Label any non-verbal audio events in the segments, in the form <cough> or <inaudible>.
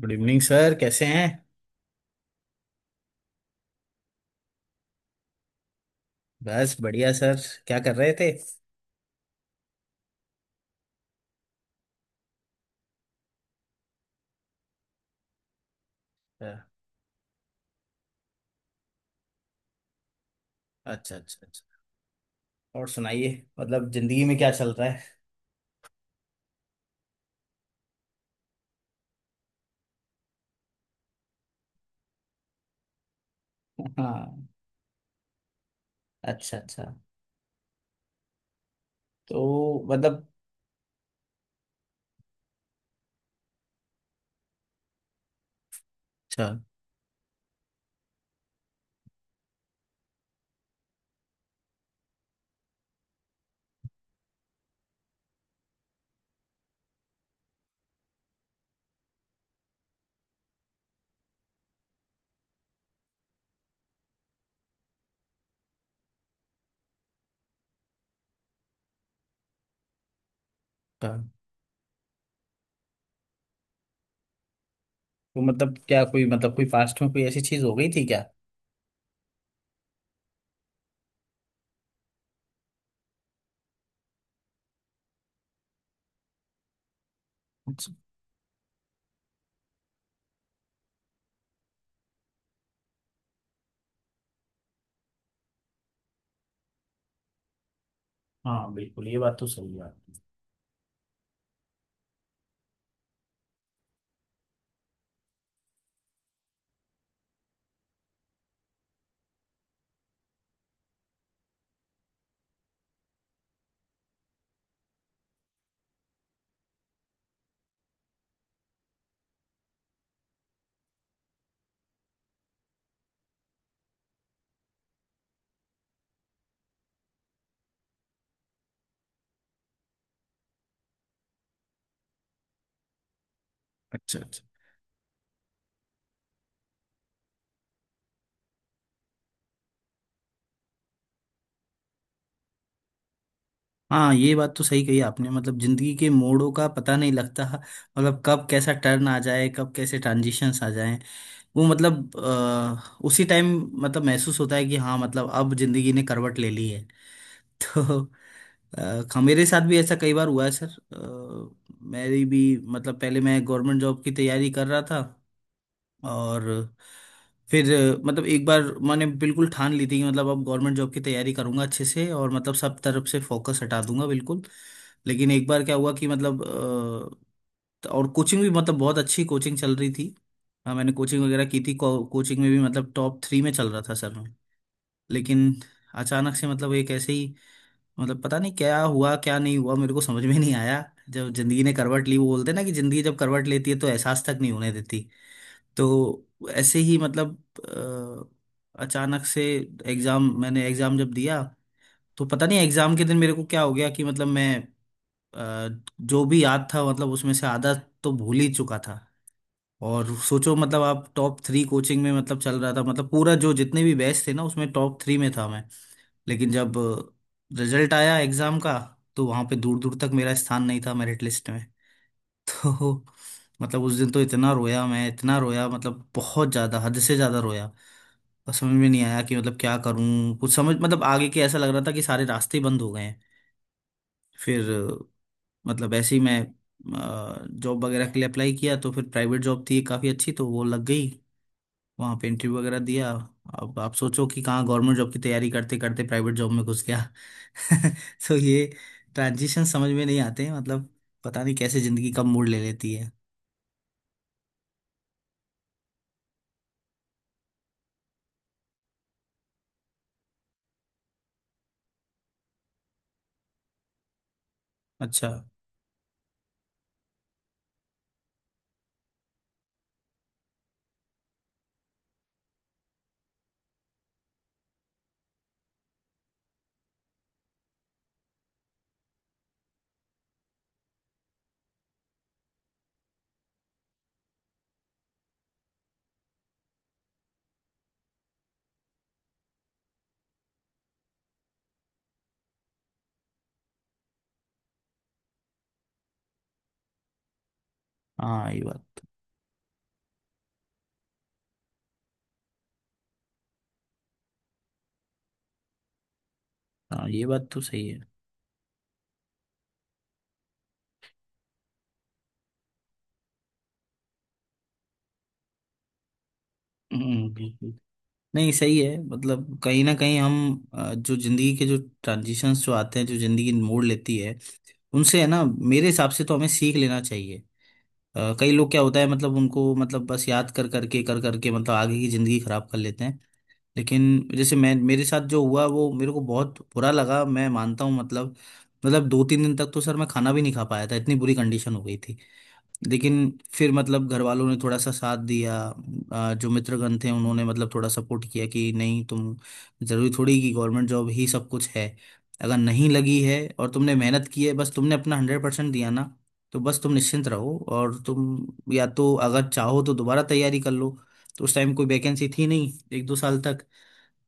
Good evening sir, कैसे हैं। बस बढ़िया सर। क्या कर रहे थे? अच्छा, अच्छा, अच्छा, अच्छा। और सुनाइए, मतलब जिंदगी में क्या चल रहा है। <laughs> हाँ, अच्छा, अच्छा। तो मतलब, अच्छा, अच्छा। तो मतलब क्या, कोई, मतलब कोई पास्ट में कोई ऐसी चीज हो गई थी क्या? अच्छा। हाँ, बिल्कुल, ये बात तो सही है। अच्छा, अच्छा। हाँ, ये बात तो सही कही आपने, मतलब जिंदगी के मोड़ों का पता नहीं लगता, मतलब कब कैसा टर्न आ जाए, कब कैसे ट्रांजिशंस आ जाए। वो मतलब उसी टाइम मतलब महसूस होता है कि हाँ, मतलब अब जिंदगी ने करवट ले ली है। <laughs> तो मेरे साथ भी ऐसा कई बार हुआ है सर। मेरी भी, मतलब पहले मैं गवर्नमेंट जॉब की तैयारी कर रहा था, और फिर मतलब एक बार मैंने बिल्कुल ठान ली थी कि मतलब अब गवर्नमेंट जॉब की तैयारी करूंगा अच्छे से, और मतलब सब तरफ से फोकस हटा दूंगा बिल्कुल। लेकिन एक बार क्या हुआ कि मतलब और कोचिंग भी, मतलब बहुत अच्छी कोचिंग चल रही थी। हाँ, मैंने कोचिंग वगैरह की थी, कोचिंग में भी मतलब टॉप थ्री में चल रहा था सर मैं। लेकिन अचानक से, मतलब एक ऐसे ही, मतलब पता नहीं क्या हुआ, क्या नहीं हुआ, मेरे को समझ में नहीं आया। जब जिंदगी ने करवट ली, वो बोलते हैं ना कि जिंदगी जब करवट लेती है तो एहसास तक नहीं होने देती। तो ऐसे ही मतलब अचानक से एग्जाम मैंने एग्जाम जब दिया तो पता नहीं एग्जाम के दिन मेरे को क्या हो गया कि मतलब मैं अ, जो भी याद था, मतलब उसमें से आधा तो भूल ही चुका था। और सोचो, मतलब आप टॉप थ्री कोचिंग में मतलब चल रहा था, मतलब पूरा जो जितने भी बैच थे ना उसमें टॉप थ्री में था मैं। लेकिन जब रिजल्ट आया एग्जाम का तो वहां पे दूर दूर तक मेरा स्थान नहीं था मेरिट लिस्ट में। तो मतलब उस दिन तो इतना रोया मैं, इतना रोया, मतलब बहुत ज्यादा, हद से ज्यादा रोया। और समझ में नहीं आया कि मतलब क्या करूं, कुछ समझ, मतलब आगे के, ऐसा लग रहा था कि सारे रास्ते ही बंद हो गए हैं। फिर मतलब ऐसे ही मैं जॉब वगैरह के लिए अप्लाई किया, तो फिर प्राइवेट जॉब थी काफ़ी अच्छी, तो वो लग गई। वहाँ पे इंटरव्यू वगैरह दिया। अब आप सोचो कि कहाँ गवर्नमेंट जॉब की तैयारी करते करते प्राइवेट जॉब में घुस गया। <laughs> तो ये ट्रांजिशन समझ में नहीं आते हैं, मतलब पता नहीं कैसे ज़िंदगी कब मोड़ ले लेती है। अच्छा। हाँ ये बात हाँ, ये बात तो सही है। बिल्कुल। नहीं, सही है, मतलब कहीं ना कहीं हम जो जिंदगी के जो ट्रांजिशंस जो आते हैं, जो जिंदगी मोड़ लेती है, उनसे है ना, मेरे हिसाब से तो हमें सीख लेना चाहिए। कई लोग क्या होता है, मतलब उनको, मतलब बस याद कर करके, कर करके, मतलब आगे की जिंदगी खराब कर लेते हैं। लेकिन जैसे मैं, मेरे साथ जो हुआ वो मेरे को बहुत बुरा लगा, मैं मानता हूँ, मतलब दो तीन दिन तक तो सर मैं खाना भी नहीं खा पाया था, इतनी बुरी कंडीशन हो गई थी। लेकिन फिर मतलब घर वालों ने थोड़ा सा साथ दिया, जो मित्रगण थे उन्होंने मतलब थोड़ा सपोर्ट किया कि नहीं, तुम, जरूरी थोड़ी कि गवर्नमेंट जॉब ही सब कुछ है। अगर नहीं लगी है और तुमने मेहनत की है, बस तुमने अपना 100% दिया ना, तो बस तुम निश्चिंत रहो, और तुम या तो अगर चाहो तो दोबारा तैयारी कर लो। तो उस टाइम कोई वैकेंसी थी नहीं, एक दो साल तक।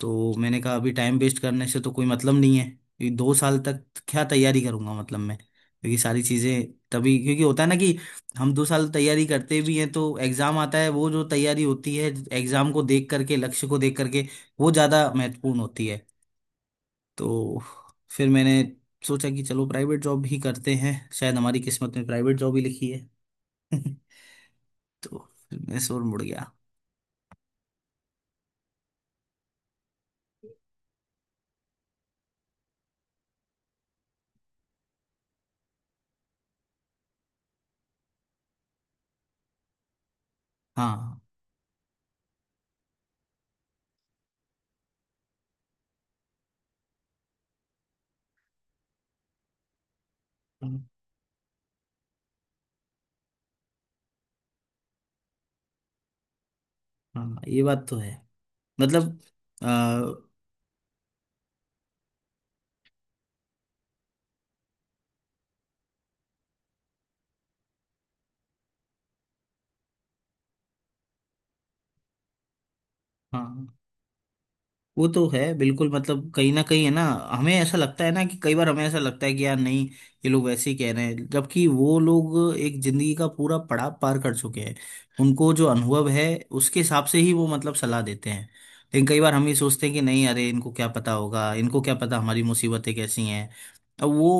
तो मैंने कहा अभी टाइम वेस्ट करने से तो कोई मतलब नहीं है, क्योंकि दो साल तक क्या तैयारी करूंगा मतलब मैं, क्योंकि सारी चीज़ें तभी, क्योंकि होता है ना कि हम दो साल तैयारी करते भी हैं तो एग्ज़ाम आता है, वो जो तैयारी होती है एग्ज़ाम को देख करके, लक्ष्य को देख करके, वो ज़्यादा महत्वपूर्ण होती है। तो फिर मैंने सोचा कि चलो प्राइवेट जॉब ही करते हैं, शायद हमारी किस्मत में प्राइवेट जॉब ही लिखी है। <laughs> तो फिर मैं शोर मुड़ गया। हाँ, हाँ, हाँ, ये बात तो है, मतलब आ, हाँ, वो तो है बिल्कुल, मतलब कहीं ना कहीं है ना। हमें ऐसा लगता है ना कि कई बार हमें ऐसा लगता है कि यार नहीं, ये लोग वैसे ही कह रहे हैं, जबकि वो लोग एक जिंदगी का पूरा पड़ाव पार कर चुके हैं। उनको जो अनुभव है उसके हिसाब से ही वो मतलब सलाह देते हैं। लेकिन कई बार हम ये सोचते हैं कि नहीं, अरे इनको क्या पता होगा, इनको क्या पता हमारी मुसीबतें कैसी हैं। अब वो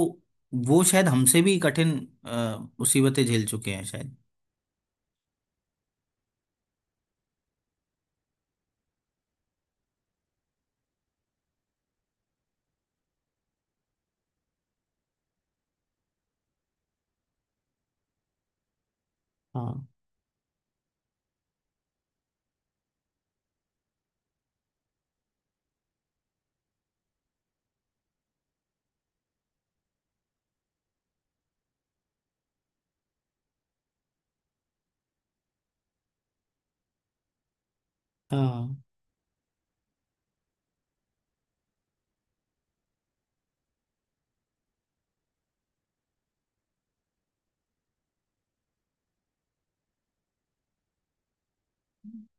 वो शायद हमसे भी कठिन मुसीबतें झेल चुके हैं शायद। हाँ, हाँ,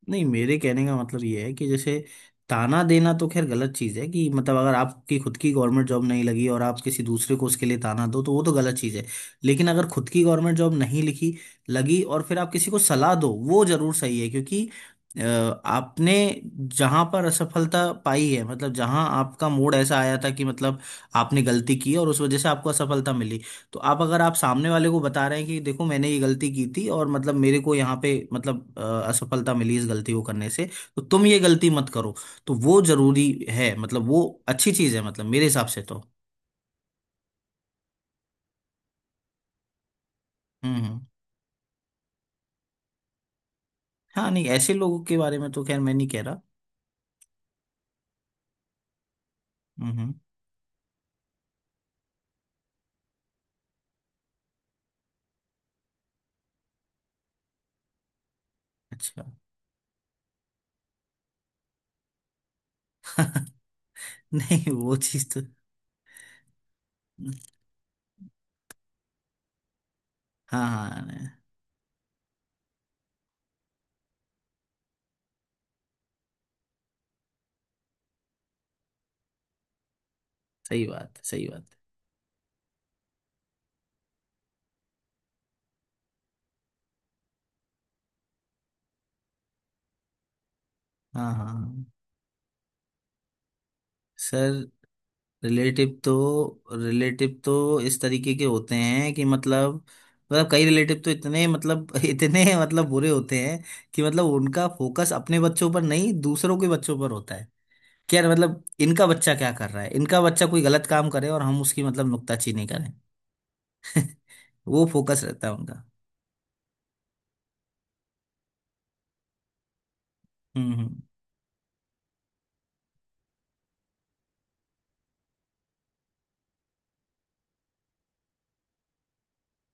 नहीं, मेरे कहने का मतलब ये है कि जैसे, ताना देना तो खैर गलत चीज़ है कि मतलब अगर आपकी खुद की गवर्नमेंट जॉब नहीं लगी और आप किसी दूसरे को उसके लिए ताना दो, तो वो तो गलत चीज़ है। लेकिन अगर खुद की गवर्नमेंट जॉब नहीं लिखी, लगी, और फिर आप किसी को सलाह दो, वो जरूर सही है, क्योंकि अ, आपने जहां पर असफलता पाई है, मतलब जहां आपका मूड ऐसा आया था कि मतलब आपने गलती की और उस वजह से आपको असफलता मिली, तो आप, अगर आप सामने वाले को बता रहे हैं कि देखो मैंने ये गलती की थी और मतलब मेरे को यहाँ पे मतलब असफलता मिली इस गलती को करने से, तो तुम ये गलती मत करो, तो वो जरूरी है, मतलब वो अच्छी चीज है, मतलब मेरे हिसाब से तो। हम्म, हाँ, नहीं, ऐसे लोगों के बारे में तो खैर मैं नहीं कह रहा। हम्म, हम्म। अच्छा। <laughs> नहीं, वो चीज तो, हाँ, हाँ, नहीं, सही बात है, सही बात है। हाँ, हाँ, हाँ। सर, रिलेटिव तो, रिलेटिव तो इस तरीके के होते हैं कि मतलब, मतलब कई रिलेटिव तो इतने मतलब <laughs> इतने मतलब बुरे होते हैं कि मतलब उनका फोकस अपने बच्चों पर नहीं, दूसरों के बच्चों पर होता है। क्या मतलब इनका बच्चा क्या कर रहा है, इनका बच्चा कोई गलत काम करे और हम उसकी मतलब नुक्ताचीनी करें। <laughs> वो फोकस रहता है उनका। हम्म, हम्म,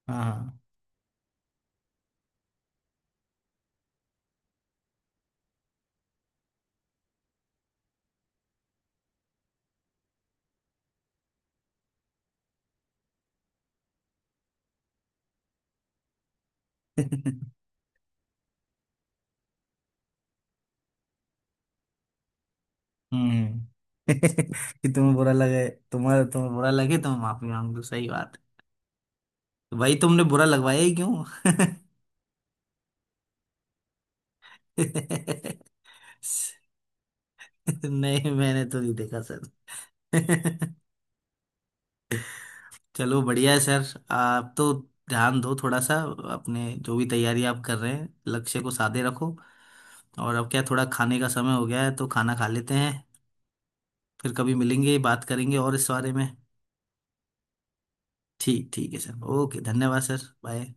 हाँ। <laughs> हाँ। हम्म। <laughs> कि तुम्हें बुरा लगे, तो माफी मांग लो, सही बात है। भाई तुमने बुरा लगवाया ही क्यों! <laughs> <laughs> नहीं, मैंने तो नहीं देखा सर। <laughs> चलो बढ़िया है सर, आप तो ध्यान दो थोड़ा सा, अपने जो भी तैयारी आप कर रहे हैं लक्ष्य को साधे रखो। और अब क्या, थोड़ा खाने का समय हो गया है, तो खाना खा लेते हैं। फिर कभी मिलेंगे, बात करेंगे और इस बारे में। ठीक, ठीक है सर, ओके, धन्यवाद सर, बाय।